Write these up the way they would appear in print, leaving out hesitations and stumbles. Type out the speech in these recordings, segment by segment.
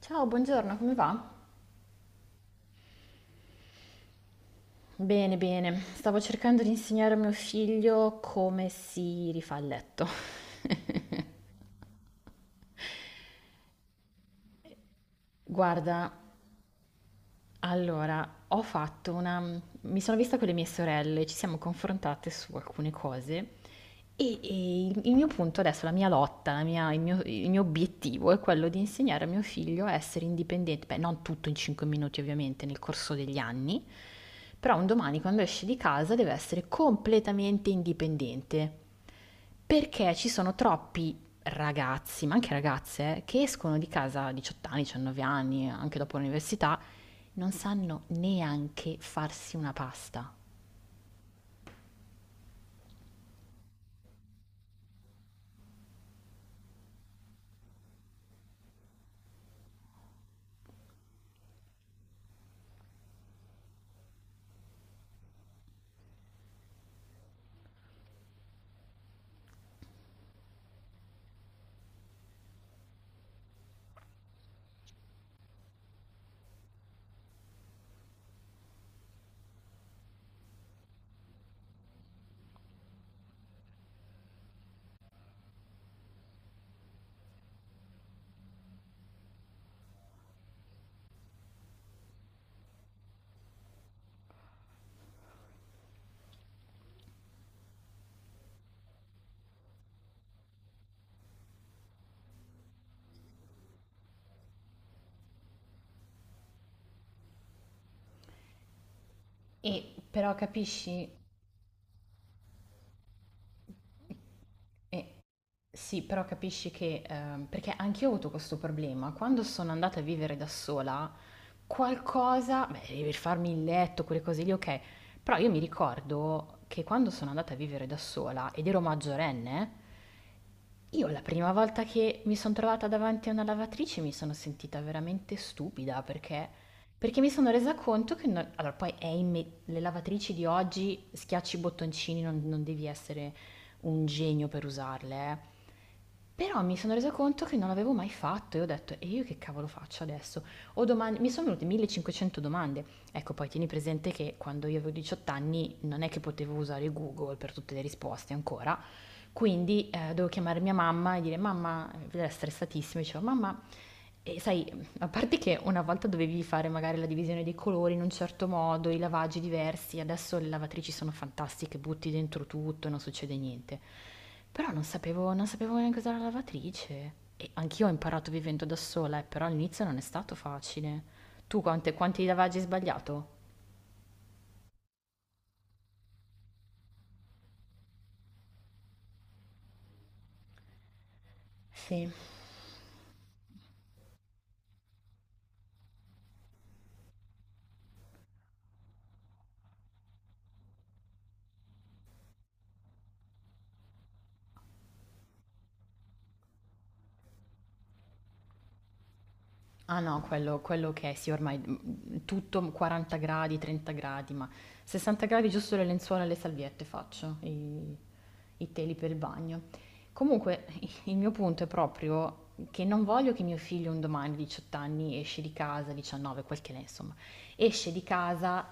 Ciao, buongiorno, come va? Bene, bene. Stavo cercando di insegnare a mio figlio come si rifà il letto. Guarda, allora, Mi sono vista con le mie sorelle, ci siamo confrontate su alcune cose. E il mio punto adesso, la mia lotta, la mia- il mio obiettivo è quello di insegnare a mio figlio a essere indipendente, beh, non tutto in 5 minuti ovviamente nel corso degli anni, però un domani quando esce di casa deve essere completamente indipendente, perché ci sono troppi ragazzi, ma anche ragazze, che escono di casa a 18 anni, 19 anni, anche dopo l'università, non sanno neanche farsi una pasta. E però capisci, Eh, sì, però capisci che, perché anch'io ho avuto questo problema, quando sono andata a vivere da sola, qualcosa, beh, devi farmi il letto, quelle cose lì, ok, però io mi ricordo che quando sono andata a vivere da sola ed ero maggiorenne, io la prima volta che mi sono trovata davanti a una lavatrice mi sono sentita veramente stupida perché mi sono resa conto che... non- allora, poi è le lavatrici di oggi, schiacci i bottoncini, non devi essere un genio per usarle, eh. Però mi sono resa conto che non l'avevo mai fatto e ho detto, e io che cavolo faccio adesso? Ho domande, mi sono venute 1500 domande. Ecco, poi tieni presente che quando io avevo 18 anni non è che potevo usare Google per tutte le risposte ancora, quindi dovevo chiamare mia mamma e dire mamma, era stressatissima, dicevo mamma, e sai, a parte che una volta dovevi fare magari la divisione dei colori in un certo modo, i lavaggi diversi, adesso le lavatrici sono fantastiche, butti dentro tutto e non succede niente. Però non sapevo neanche usare la lavatrice. E anch'io ho imparato vivendo da sola, però all'inizio non è stato facile. Tu quanti lavaggi hai sbagliato? Sì. Ah no, quello che è, sì, ormai tutto 40 gradi, 30 gradi, ma 60 gradi giusto le lenzuola e le salviette faccio, i teli per il bagno. Comunque, il mio punto è proprio che non voglio che mio figlio un domani, 18 anni, esce di casa, 19, quel che è, insomma, esce di casa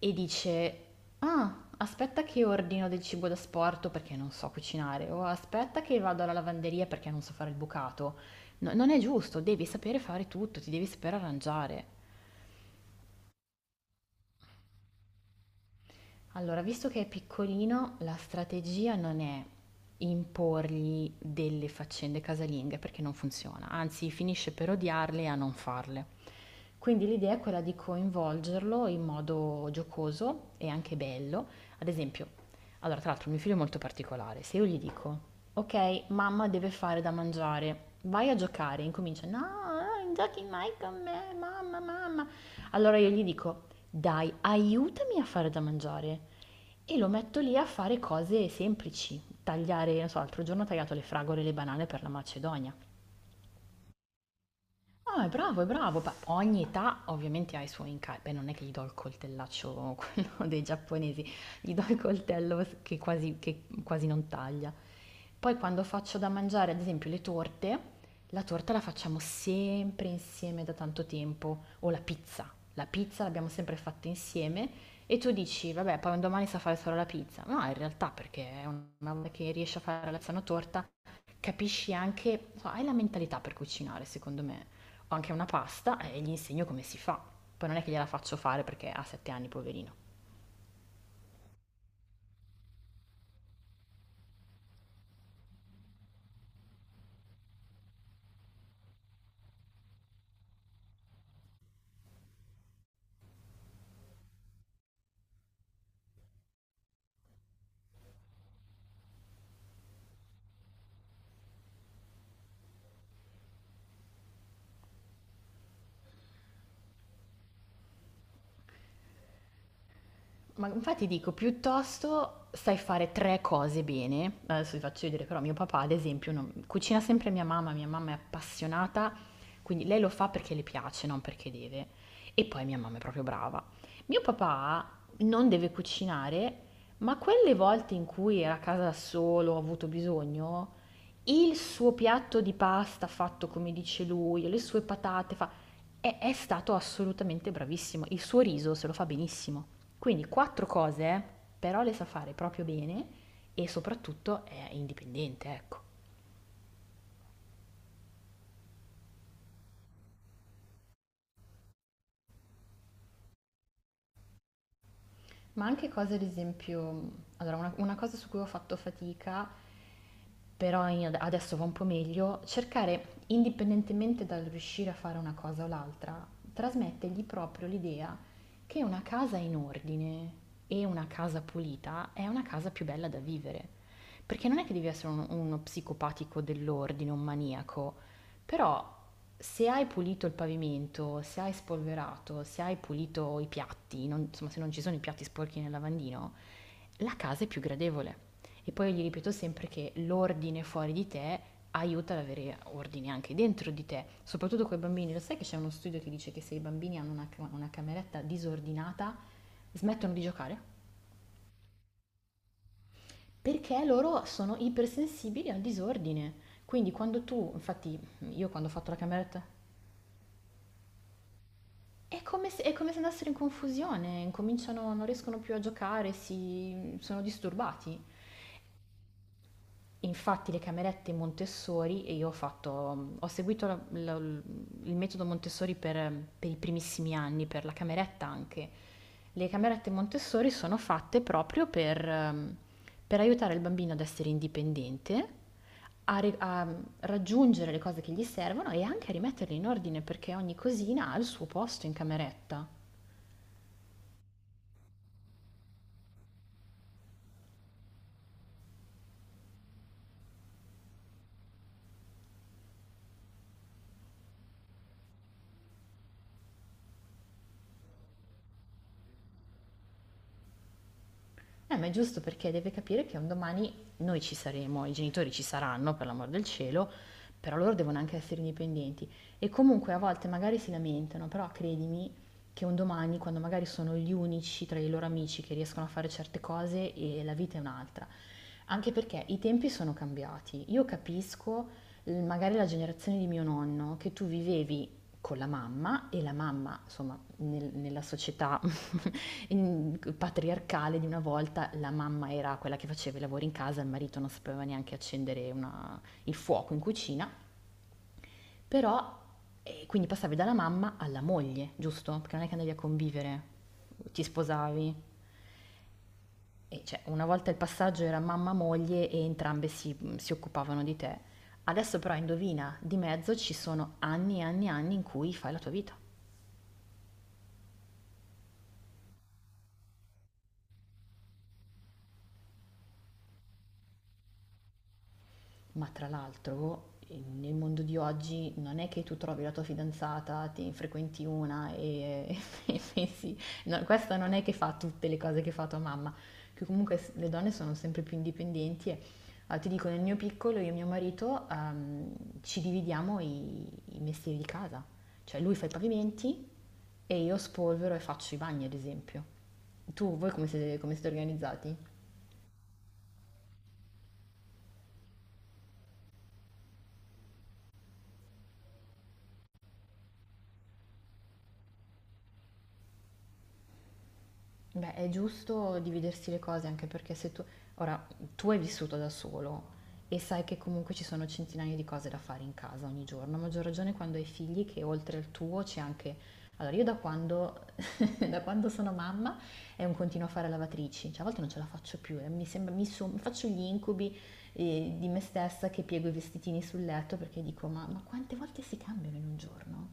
e dice, ah, aspetta che ordino del cibo da sporto perché non so cucinare, o aspetta che vado alla lavanderia perché non so fare il bucato. Non è giusto, devi sapere fare tutto, ti devi saper arrangiare. Allora, visto che è piccolino, la strategia non è imporgli delle faccende casalinghe perché non funziona, anzi finisce per odiarle e a non farle. Quindi l'idea è quella di coinvolgerlo in modo giocoso e anche bello. Ad esempio, allora, tra l'altro, mio figlio è molto particolare. Se io gli dico, ok, mamma deve fare da mangiare, vai a giocare, incomincia, no, non giochi mai con me, mamma, mamma. Allora io gli dico, dai, aiutami a fare da mangiare. E lo metto lì a fare cose semplici, tagliare, non so, l'altro giorno ho tagliato le fragole e le banane per la Macedonia. Ah, è bravo, è bravo. Beh, ogni età ovviamente ha i suoi incarichi. Beh, non è che gli do il coltellaccio, quello dei giapponesi, gli do il coltello che quasi non taglia. Poi quando faccio da mangiare, ad esempio, le torte, la torta la facciamo sempre insieme da tanto tempo, o la pizza. La pizza l'abbiamo sempre fatta insieme e tu dici, vabbè, poi un domani sa fare solo la pizza. No, in realtà perché è una volta che riesci a fare la pizza una torta, capisci anche, so, hai la mentalità per cucinare, secondo me. Ho anche una pasta e gli insegno come si fa. Poi non è che gliela faccio fare perché ha 7 anni, poverina. Ma infatti dico, piuttosto sai fare tre cose bene. Adesso vi faccio vedere, però mio papà, ad esempio, cucina sempre mia mamma è appassionata, quindi lei lo fa perché le piace, non perché deve. E poi mia mamma è proprio brava. Mio papà non deve cucinare, ma quelle volte in cui era a casa da solo, ho avuto bisogno, il suo piatto di pasta fatto come dice lui, le sue patate fa... E è stato assolutamente bravissimo. Il suo riso se lo fa benissimo. Quindi quattro cose, però le sa fare proprio bene e soprattutto è indipendente, ecco. Ma anche cose, ad esempio, allora una cosa su cui ho fatto fatica, però adesso va un po' meglio, cercare, indipendentemente dal riuscire a fare una cosa o l'altra, trasmettergli proprio l'idea che una casa in ordine e una casa pulita è una casa più bella da vivere. Perché non è che devi essere uno psicopatico dell'ordine, un maniaco, però se hai pulito il pavimento, se hai spolverato, se hai pulito i piatti, insomma se non ci sono i piatti sporchi nel lavandino, la casa è più gradevole. E poi io gli ripeto sempre che l'ordine fuori di te aiuta ad avere ordine anche dentro di te, soprattutto con i bambini. Lo sai che c'è uno studio che dice che se i bambini hanno una cameretta disordinata smettono di giocare? Perché loro sono ipersensibili al disordine. Quindi quando tu, infatti io quando ho fatto la cameretta è come se, è come se andassero in confusione, incominciano, non riescono più a giocare, si, sono disturbati. Infatti le camerette Montessori, e io ho seguito il metodo Montessori per i primissimi anni, per la cameretta anche. Le camerette Montessori sono fatte proprio per aiutare il bambino ad essere indipendente, a raggiungere le cose che gli servono e anche a rimetterle in ordine perché ogni cosina ha il suo posto in cameretta. Ma è giusto perché deve capire che un domani noi ci saremo, i genitori ci saranno, per l'amor del cielo, però loro devono anche essere indipendenti. E comunque a volte magari si lamentano, però credimi che un domani, quando magari sono gli unici tra i loro amici che riescono a fare certe cose, e la vita è un'altra. Anche perché i tempi sono cambiati. Io capisco, magari la generazione di mio nonno, che tu vivevi con la mamma e la mamma, insomma, nella società patriarcale di una volta, la mamma era quella che faceva i lavori in casa, il marito non sapeva neanche accendere il fuoco in cucina, però quindi passavi dalla mamma alla moglie, giusto? Perché non è che andavi a convivere, ti sposavi. E cioè, una volta il passaggio era mamma-moglie e entrambe si occupavano di te. Adesso però indovina, di mezzo ci sono anni e anni e anni in cui fai la tua vita. Ma tra l'altro, nel mondo di oggi non è che tu trovi la tua fidanzata, te ne frequenti una e, e pensi, no, questa non è che fa tutte le cose che fa tua mamma, che comunque le donne sono sempre più indipendenti e ti dico, nel mio piccolo io e mio marito ci dividiamo i mestieri di casa, cioè lui fa i pavimenti e io spolvero e faccio i bagni, ad esempio. Tu, voi come siete organizzati? Beh, è giusto dividersi le cose anche perché se tu, ora, tu hai vissuto da solo e sai che comunque ci sono centinaia di cose da fare in casa ogni giorno, a maggior ragione quando hai figli che oltre al tuo c'è anche... Allora, io da quando, da quando sono mamma è un continuo a fare lavatrici, cioè a volte non ce la faccio più, mi sembra, faccio gli incubi di me stessa che piego i vestitini sul letto perché dico, ma quante volte si cambiano in un giorno?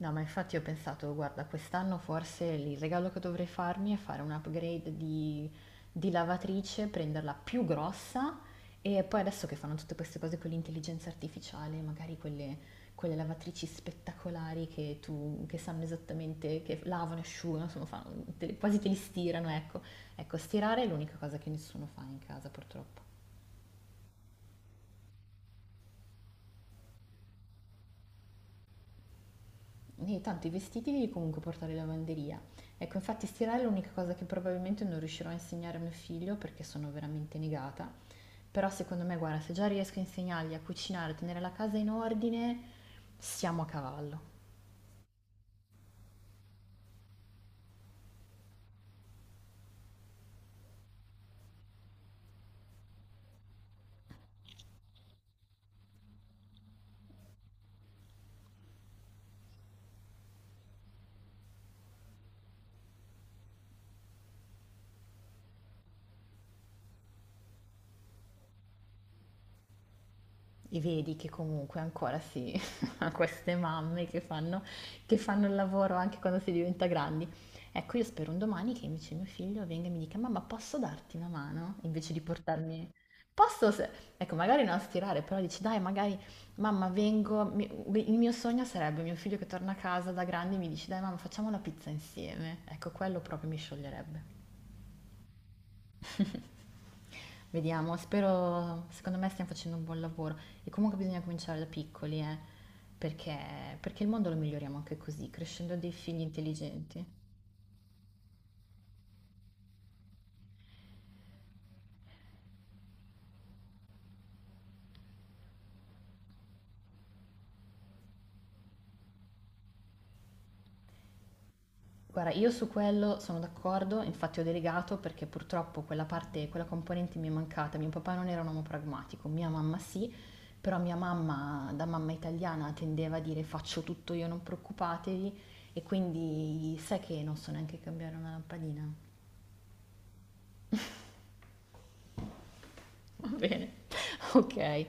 No, ma infatti ho pensato, guarda, quest'anno forse il regalo che dovrei farmi è fare un upgrade di lavatrice, prenderla più grossa e poi adesso che fanno tutte queste cose con l'intelligenza artificiale, magari quelle lavatrici spettacolari che sanno esattamente, che lavano, asciugano, insomma, quasi te li stirano, ecco. Ecco, stirare è l'unica cosa che nessuno fa in casa purtroppo. E tanto i vestiti devi comunque portare in lavanderia. Ecco, infatti stirare è l'unica cosa che probabilmente non riuscirò a insegnare a mio figlio perché sono veramente negata. Però secondo me, guarda, se già riesco a insegnargli a cucinare, a tenere la casa in ordine, siamo a cavallo. E vedi che comunque ancora si ha queste mamme che fanno il lavoro anche quando si diventa grandi. Ecco, io spero un domani che invece mio figlio venga e mi dica: Mamma, posso darti una mano? Invece di portarmi. Posso, ecco, magari non stirare, però dici: Dai, magari, mamma, vengo. Il mio sogno sarebbe mio figlio che torna a casa da grande e mi dice: Dai, mamma, facciamo la pizza insieme. Ecco, quello proprio mi scioglierebbe. Vediamo, spero, secondo me stiamo facendo un buon lavoro e comunque bisogna cominciare da piccoli, perché il mondo lo miglioriamo anche così, crescendo dei figli intelligenti. Guarda, io su quello sono d'accordo, infatti ho delegato perché purtroppo quella parte, quella componente mi è mancata. Mio papà non era un uomo pragmatico, mia mamma sì, però mia mamma, da mamma italiana, tendeva a dire faccio tutto io, non preoccupatevi, e quindi sai che non so neanche cambiare una lampadina. Va bene, ok.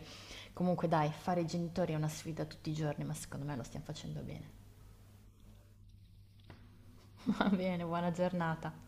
Comunque dai, fare i genitori è una sfida tutti i giorni, ma secondo me lo stiamo facendo bene. Va bene, buona giornata.